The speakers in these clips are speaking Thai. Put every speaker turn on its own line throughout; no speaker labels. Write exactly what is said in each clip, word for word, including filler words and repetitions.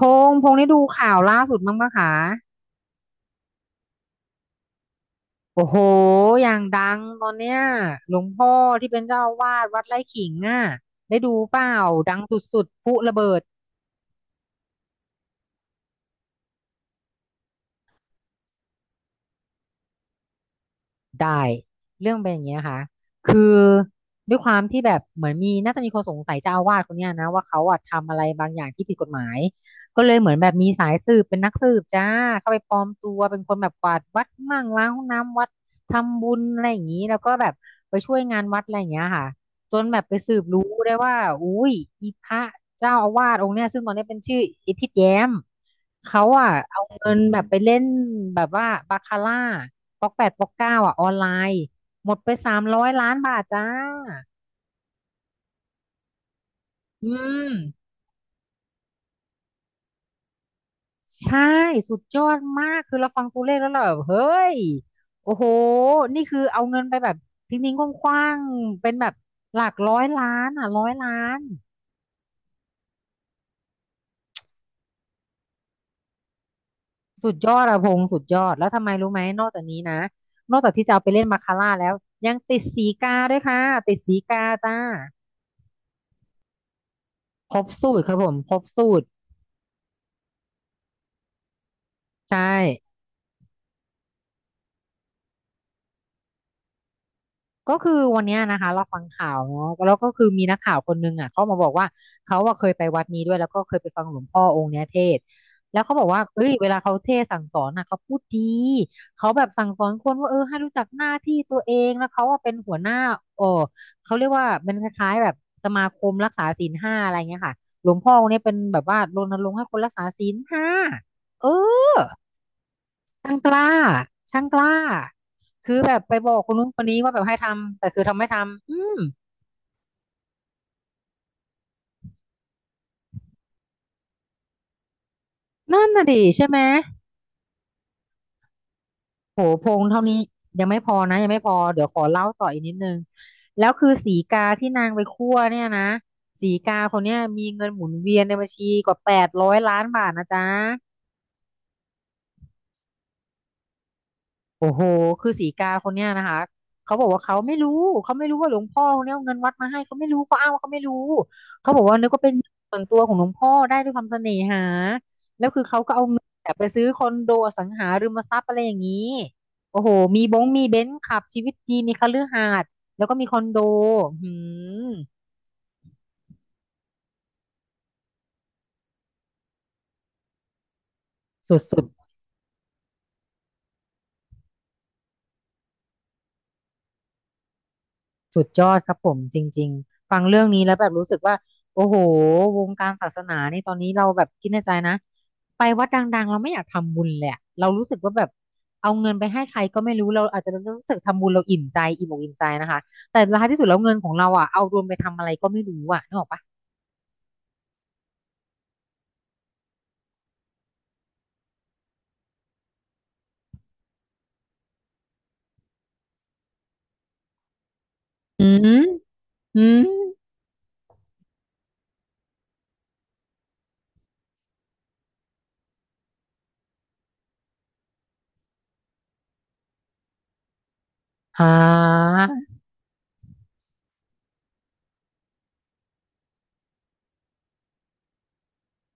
พงษ์พงษ์ได้ดูข่าวล่าสุดมั้งปะคะโอ้โหอย่างดังตอนเนี้ยหลวงพ่อที่เป็นเจ้าอาวาสวัดไร่ขิงอ่ะได้ดูเปล่าดังสุดๆพลุระเบิดได้เรื่องเป็นอย่างเงี้ยค่ะคือด้วยความที่แบบเหมือนมีน่าจะมีคนสงสัยเจ้าอาวาสคนเนี้ยนะว่าเขาอะทำอะไรบางอย่างที่ผิดกฎหมายก็เลยเหมือนแบบมีสายสืบเป็นนักสืบจ้าเข้าไปปลอมตัวเป็นคนแบบกวาดวัดมั่งล้างห้องน้ำวัดทำบุญอะไรอย่างนี้แล้วก็แบบไปช่วยงานวัดอะไรอย่างเงี้ยค่ะ จนแบบไปสืบรู้ได้ว่าอุ้ยอีพระเจ้าอาวาสองค์เนี้ยซึ่งตอนนี้เป็นชื่ออิทธิแย้มเขาอ่ะเอาเงินแบบไปเล่นแบบว่าบาคาร่าป๊อกแปดป๊อกเก้าอ่ะออนไลน์หมดไปสามร้อยล้านบาทจ้าอืมใช่สุดยอดมากคือเราฟังตัวเลขแล้วเราแบบเฮ้ยโอ้โหนี่คือเอาเงินไปแบบทิ้งๆคว้างๆเป็นแบบหลักร้อยล้านอ่ะร้อยล้าน สุดยอดอะพงษ์สุดยอดแล้วทำไมรู้ไหมนอกจากนี้นะนอกจากที่จะเอาไปเล่นมาคาร่าแล้วยังติดสีกาด้วยค่ะติดสีกาจ้าครบสูตรครับผมครบสูตรใช่ ก็คือวันเนี้ยนะคะเราฟังข่าวเนาะแล้วก็คือมีนักข่าวคนนึงอ่ะเขามาบอกว่าเขาอ่ะเคยไปวัดนี้ด้วยแล้วก็เคยไปฟังหลวงพ่อองค์เนี้ยเทศน์แล้วเขาบอกว่าเอ้ยเวลาเขาเทศน์สั่งสอนน่ะเขาพูดดีเขาแบบสั่งสอนคนว่าเออให้รู้จักหน้าที่ตัวเองแล้วเขาอ่ะเป็นหัวหน้าเออเขาเรียกว่าเป็นคล้ายๆแบบสมาคมรักษาศีลห้าอะไรเงี้ยค่ะหลวงพ่อองค์เนี้ยเป็นแบบว่ารณรงค์ให้คนรักษาศีลห้าเออ ช่างกล้าช่างกล้า คือแบบไปบอกคนนู้นคนนี้ว่าแบบให้ทำ แต่คือทำไม่ทำ อืม นั่นน่ะดิใช่ไหมโหพงเท่านี้ยังไม่พอนะยังไม่พอเดี๋ยวขอเล่าต่ออีกนิดนึง แล้วคือสีกาที่นางไปคั่วเนี่ยนะ สีกาคนเนี้ยมีเงินหมุนเวียนในบัญชีกว่าแปดร้อยล้านบาทนะจ๊ะ โอ้โหคือสีกาคนเนี้ยนะคะเขาบอกว่าเขาไม่รู้เขาไม่รู้ว่าหลวงพ่อคนเนี้ยเอาเงินวัดมาให้เขาไม่รู้เขาอ้างว่าเขาไม่รู้เขาบอกว่านึกว่าเป็นส่วนตัวของหลวงพ่อได้ด้วยความเสน่หาแล้วคือเขาก็เอาเงินแบบไปซื้อคอนโดอสังหาริมทรัพย์อะไรอย่างนี้โอ้โหมีบงมีเบนซ์ขับชีวิตดีมีคฤหาสน์แล้วก็มีคอนโดหืมสุดๆ สุดยอดครับผมจริงๆฟังเรื่องนี้แล้วแบบรู้สึกว่าโอ้โหวงการศาสนานี่ตอนนี้เราแบบคิดในใจนะไปวัดดังๆเราไม่อยากทำบุญเลยอะเรารู้สึกว่าแบบเอาเงินไปให้ใครก็ไม่รู้เราอาจจะรู้สึกทำบุญเราอิ่มใจอิ่มอกอิ่มใจนะคะแต่ท้ายที่สุดแล้วเงินของเราอ่ะเอารวมไปทำอะไรก็ไม่รู้อ่ะนึกออกปะอืมอืมอ่า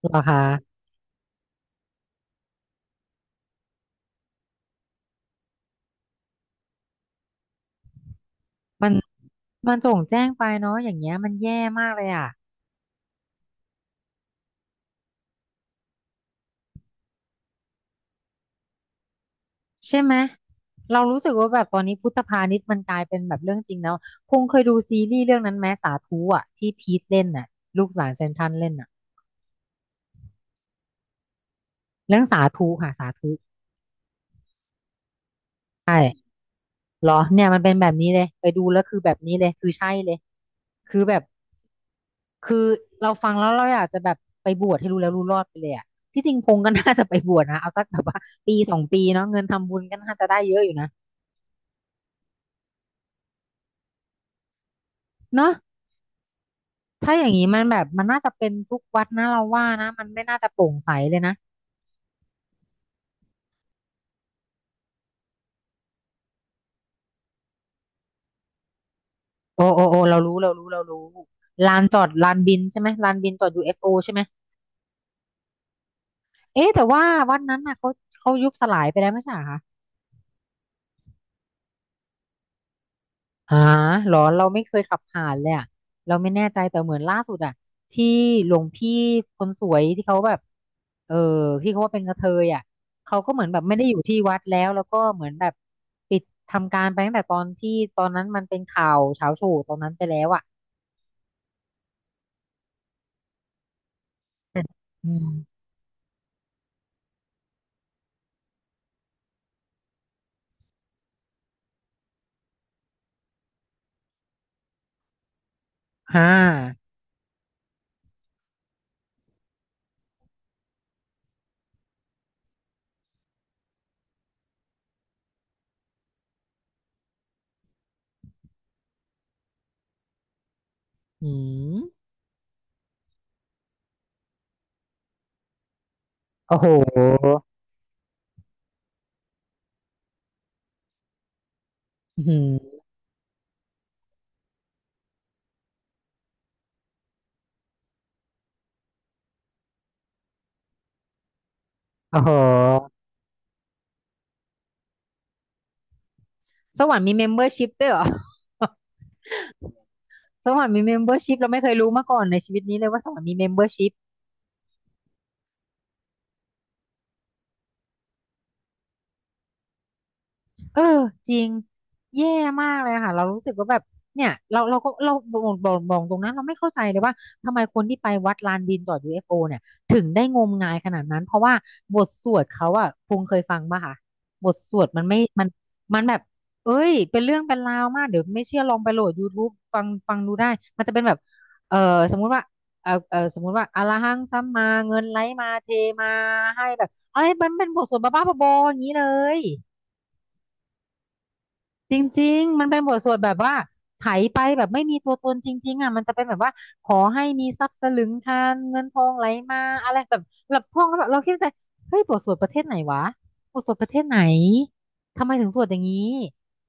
เหรอคะมันมันโจ่งแจ้งไปเนาะอย่างเงี้ยมันแย่มากเลยอ่ะ ใช่ไหมเรารู้สึกว่าแบบตอนนี้พุทธพาณิชย์มันกลายเป็นแบบเรื่องจริงแล้วพง์เคยดูซีรีส์เรื่องนั้นไหมสาธุอ่ะที่พีทเล่นน่ะลูกหลานเซนทรัลเล่นน่ะเรื่องสาธุค่ะสาธุใช่เหรอเนี่ยมันเป็นแบบนี้เลยไปดูแล้วคือแบบนี้เลยคือใช่เลยคือแบบคือเราฟังแล้วเราอยากจะแบบไปบวชให้รู้แล้วรู้รอดไปเลยอ่ะที่จริงพง์ก็น่าจะไปบวชนะเอาสักแบบว่าปีสองปีเนาะเงินทำบุญก็น่าจะได้เยอะอยู่นะเนาะถ้าอย่างนี้มันแบบมันน่าจะเป็นทุกวัดนะเราว่านะมันไม่น่าจะโปร่งใสเลยนะ โอ้โอ้โอ้เรารู้เรารู้เรารู้ลานจอดลานบินใช่ไหมลานบินจอด ยู เอฟ โอ ใช่ไหมเอ๊ะแต่ว่าวันนั้นน่ะเขาเขายุบสลายไปแล้วไม่ใช่เหรอคะหาหรอเราไม่เคยขับผ่านเลยอะเราไม่แน่ใจแต่เหมือนล่าสุดอะที่หลวงพี่คนสวยที่เขาแบบเออที่เขาว่าเป็นกระเทยอะเขาก็เหมือนแบบไม่ได้อยู่ที่วัดแล้วแล้วก็เหมือนแบบปิดทำการไปตั้งแต่ตอนที่ตอนนั้นมันเป็นข่าวเช้าโชว์ตอนนั้นไปแล้วอะแต่อืมฮ่าอืมโอ้โห อืมโอ้โหสวรรค์มีเมมเบอร์ชิพด้วยเหรอ สวรรค์มีเมมเบอร์ชิพเราไม่เคยรู้มาก่อนในชีวิตนี้เลยว่าสวรรค์มีเมมเบอร์ชิพ เออจริงแย่มากเลยค่ะเรารู้สึกว่าแบบเนี่ยเราเราก็เราบอกบอกบอกตรงนั้นเราไม่เข้าใจเลยว่าทำไมคนที่ไปวัดลานบินต่อ ยู เอฟ โอ เอฟโอเนี่ยถึงได้งมงายขนาดนั้นเพราะว่าบทสวดเขาอะพงษ์เคยฟังป่ะคะบทสวดมันไม่มันมันแบบเอ้ยเป็นเรื่องเป็นราวมากเดี๋ยวไม่เชื่อลองไปโหลด YouTube ฟังฟังดูได้มันจะเป็นแบบเออสมมุติว่าเออเออสมมุติว่าอะระหังสัมมาเงินไหลมาเทมาให้แบบอะไรมันเป็นบทสวดบ้าๆบอๆอย่างนี้เลย จริงๆ มันเป็นบทสวดแบบว่าไถไปแบบไม่มีตัวตนจริงๆอ่ะมันจะเป็นแบบว่าขอให้มีทรัพย์สลึงคานเงินทองไหลมาอะไรแบบหลับท่องแล้วแบบเราคิดในใจเฮ้ยบทสวดประเทศไหนวะบทสวดประเทศไหนทำไมถึงสวดอย่างนี้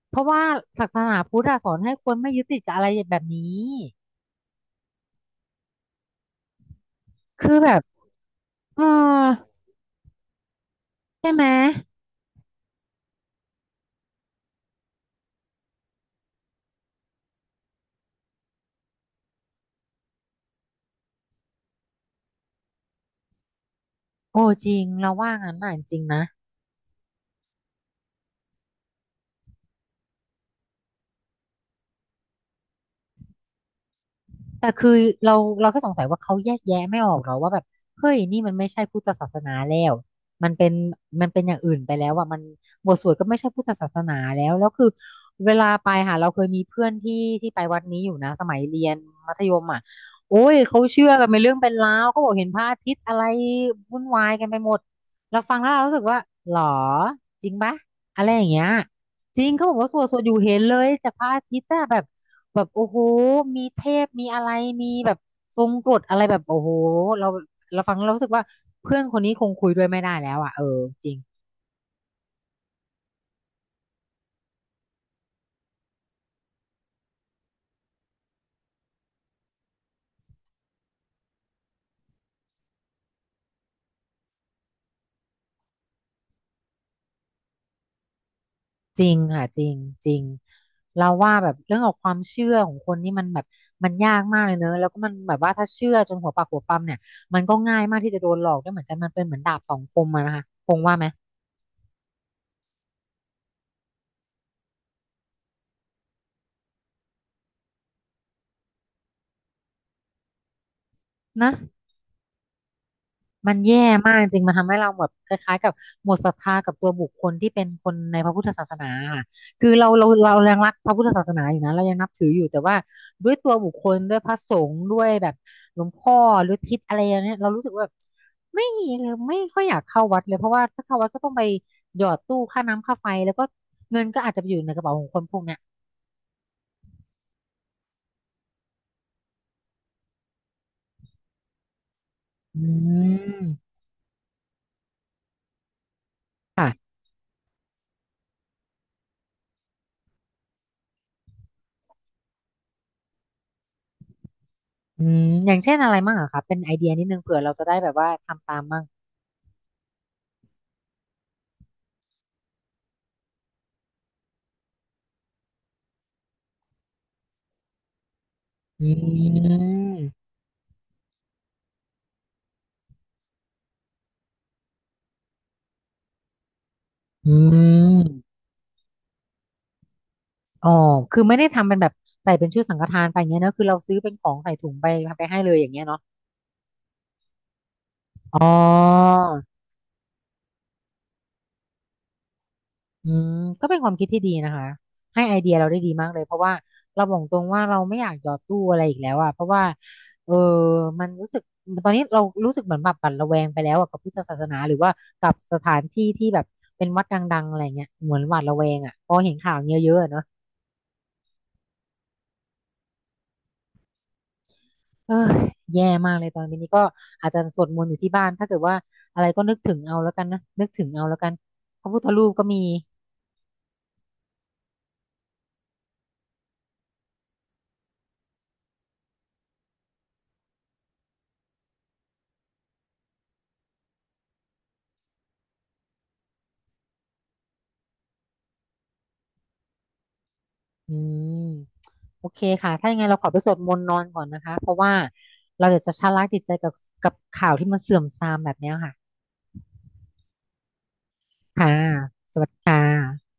เพราะว่าศาสนาพุทธอะสอนให้คนไม่ยึดติดกับอะไรแบบนี้คือแบบเออใช่ไหมโอ้จริงเราว่างั้นน่ะจริงๆนะ แต่คือเราเราก็สงสัยว่าเขาแยกแยะไม่ออกหรอว่าแบบเฮ้ยนี่มันไม่ใช่พุทธศาสนาแล้วมันเป็นมันเป็นอย่างอื่นไปแล้วอ่ะมันบทสวดก็ไม่ใช่พุทธศาสนาแล้วแล้วคือเวลาไปค่ะเราเคยมีเพื่อนที่ที่ไปวัดนี้อยู่นะสมัยเรียนมัธยมอ่ะโอ้ยเขาเชื่อกันเป็นเรื่องเป็นราวเขาบอกเห็นพระอาทิตย์อะไรวุ่นวายกันไปหมดเราฟังแล้วเรารู้สึกว่าหรอจริงปะอะไรอย่างเงี้ย จริงเขาบอกว่าสวดสวดอยู่เห็นเลยจากพระอาทิตย์อะแบบแบบโอ้โหมีเทพมีอะไรมีแบบทรงกรดอะไรแบบโอ้โหเราเราฟังแล้วเรารู้สึกว่าเพื่อนคนนี้คงคุยด้วยไม่ได้แล้วอ่ะเออจริงจริงค่ะจริงจริงเราว่าแบบเรื่องของความเชื่อของคนนี่มันแบบมันยากมากเลยเนอะแล้วก็มันแบบว่าถ้าเชื่อจนหัวปักหัวปั๊มเนี่ยมันก็ง่ายมากที่จะโดนหลอกด้วยเหมือนกันมันเป็นเหมือนดาบสองคมอะนะคะคงว่าไหมนะ มันแย่มากจริง มันทำให้เราแบบคล้ายๆกับหมดศรัทธากับตัวบุคคลที่เป็นคนในพระพุทธศาสนาค่ะคือเราเราเรายังรักพระพุทธศาสนาอยู่นะเรายังนับถืออยู่ แต่ว่าด้วยตัวบุคคลด้วยพระสงฆ์ด้วยแบบหลวงพ่อหรือทิศอะไรอย่างเนี้ยเรารู้สึกว่าแบบไม่ไม่ค่อยอยากเข้าวัดเลย เพราะว่าถ้าเข้าวัดก็ต้องไปหยอดตู้ค่าน้ำค่าไฟแล้วก็เงินก็อาจจะไปอยู่ในกระเป๋าของคนพวกเนี้ยอืมค่ะอืมอย่างเช่นอะไรมั่งอะคะเป็นไอเดียนิดนึงเผื่อเราจะได้แบบว่าทำตามมั่งอืม อืมอ๋อคือไม่ได้ทำเป็นแบบใส่เป็นชุดสังฆทานไปอย่างเงี้ยเนอะคือเราซื้อเป็นของใส่ถุงไปไปให้เลยอย่างเงี้ยเนาะอ๋ออืมก็เป็นความคิดที่ดีนะคะ ให้ไอเดียเราได้ดีมากเลย เพราะว่าเราบอกตรงว่าเราไม่อยากหยอดตู้อะไรอีกแล้วอะเพราะว่าเออมันรู้สึกตอนนี้เรารู้สึกเหมือนแบบหวั่นระแวงไปแล้วอะกับพุทธศาสนาหรือว่ากับสถานที่ที่แบบเป็นวัดดังๆอะไรเงี้ยเหมือนหวาดระแวงอะพอเห็นข่าวเยอะๆเนอะ เออแย่มากเลยตอนนี้ก็อาจจะสวดมนต์อยู่ที่บ้านถ้าเกิดว่าอะไรก็นึกถึงเอาแล้วกันนะนึกถึงเอาแล้วกันพระพุทธรูปก็มีอืมโอเคค่ะถ้ายังไงเราขอไปสวดมนต์นอนก่อนนะคะเพราะว่าเราอยากจะชะล้างจิตใจกับกับข่าวที่มันเสื่อมทรามแบบเนี้ยค่ะค่ะสวัสดีค่ะ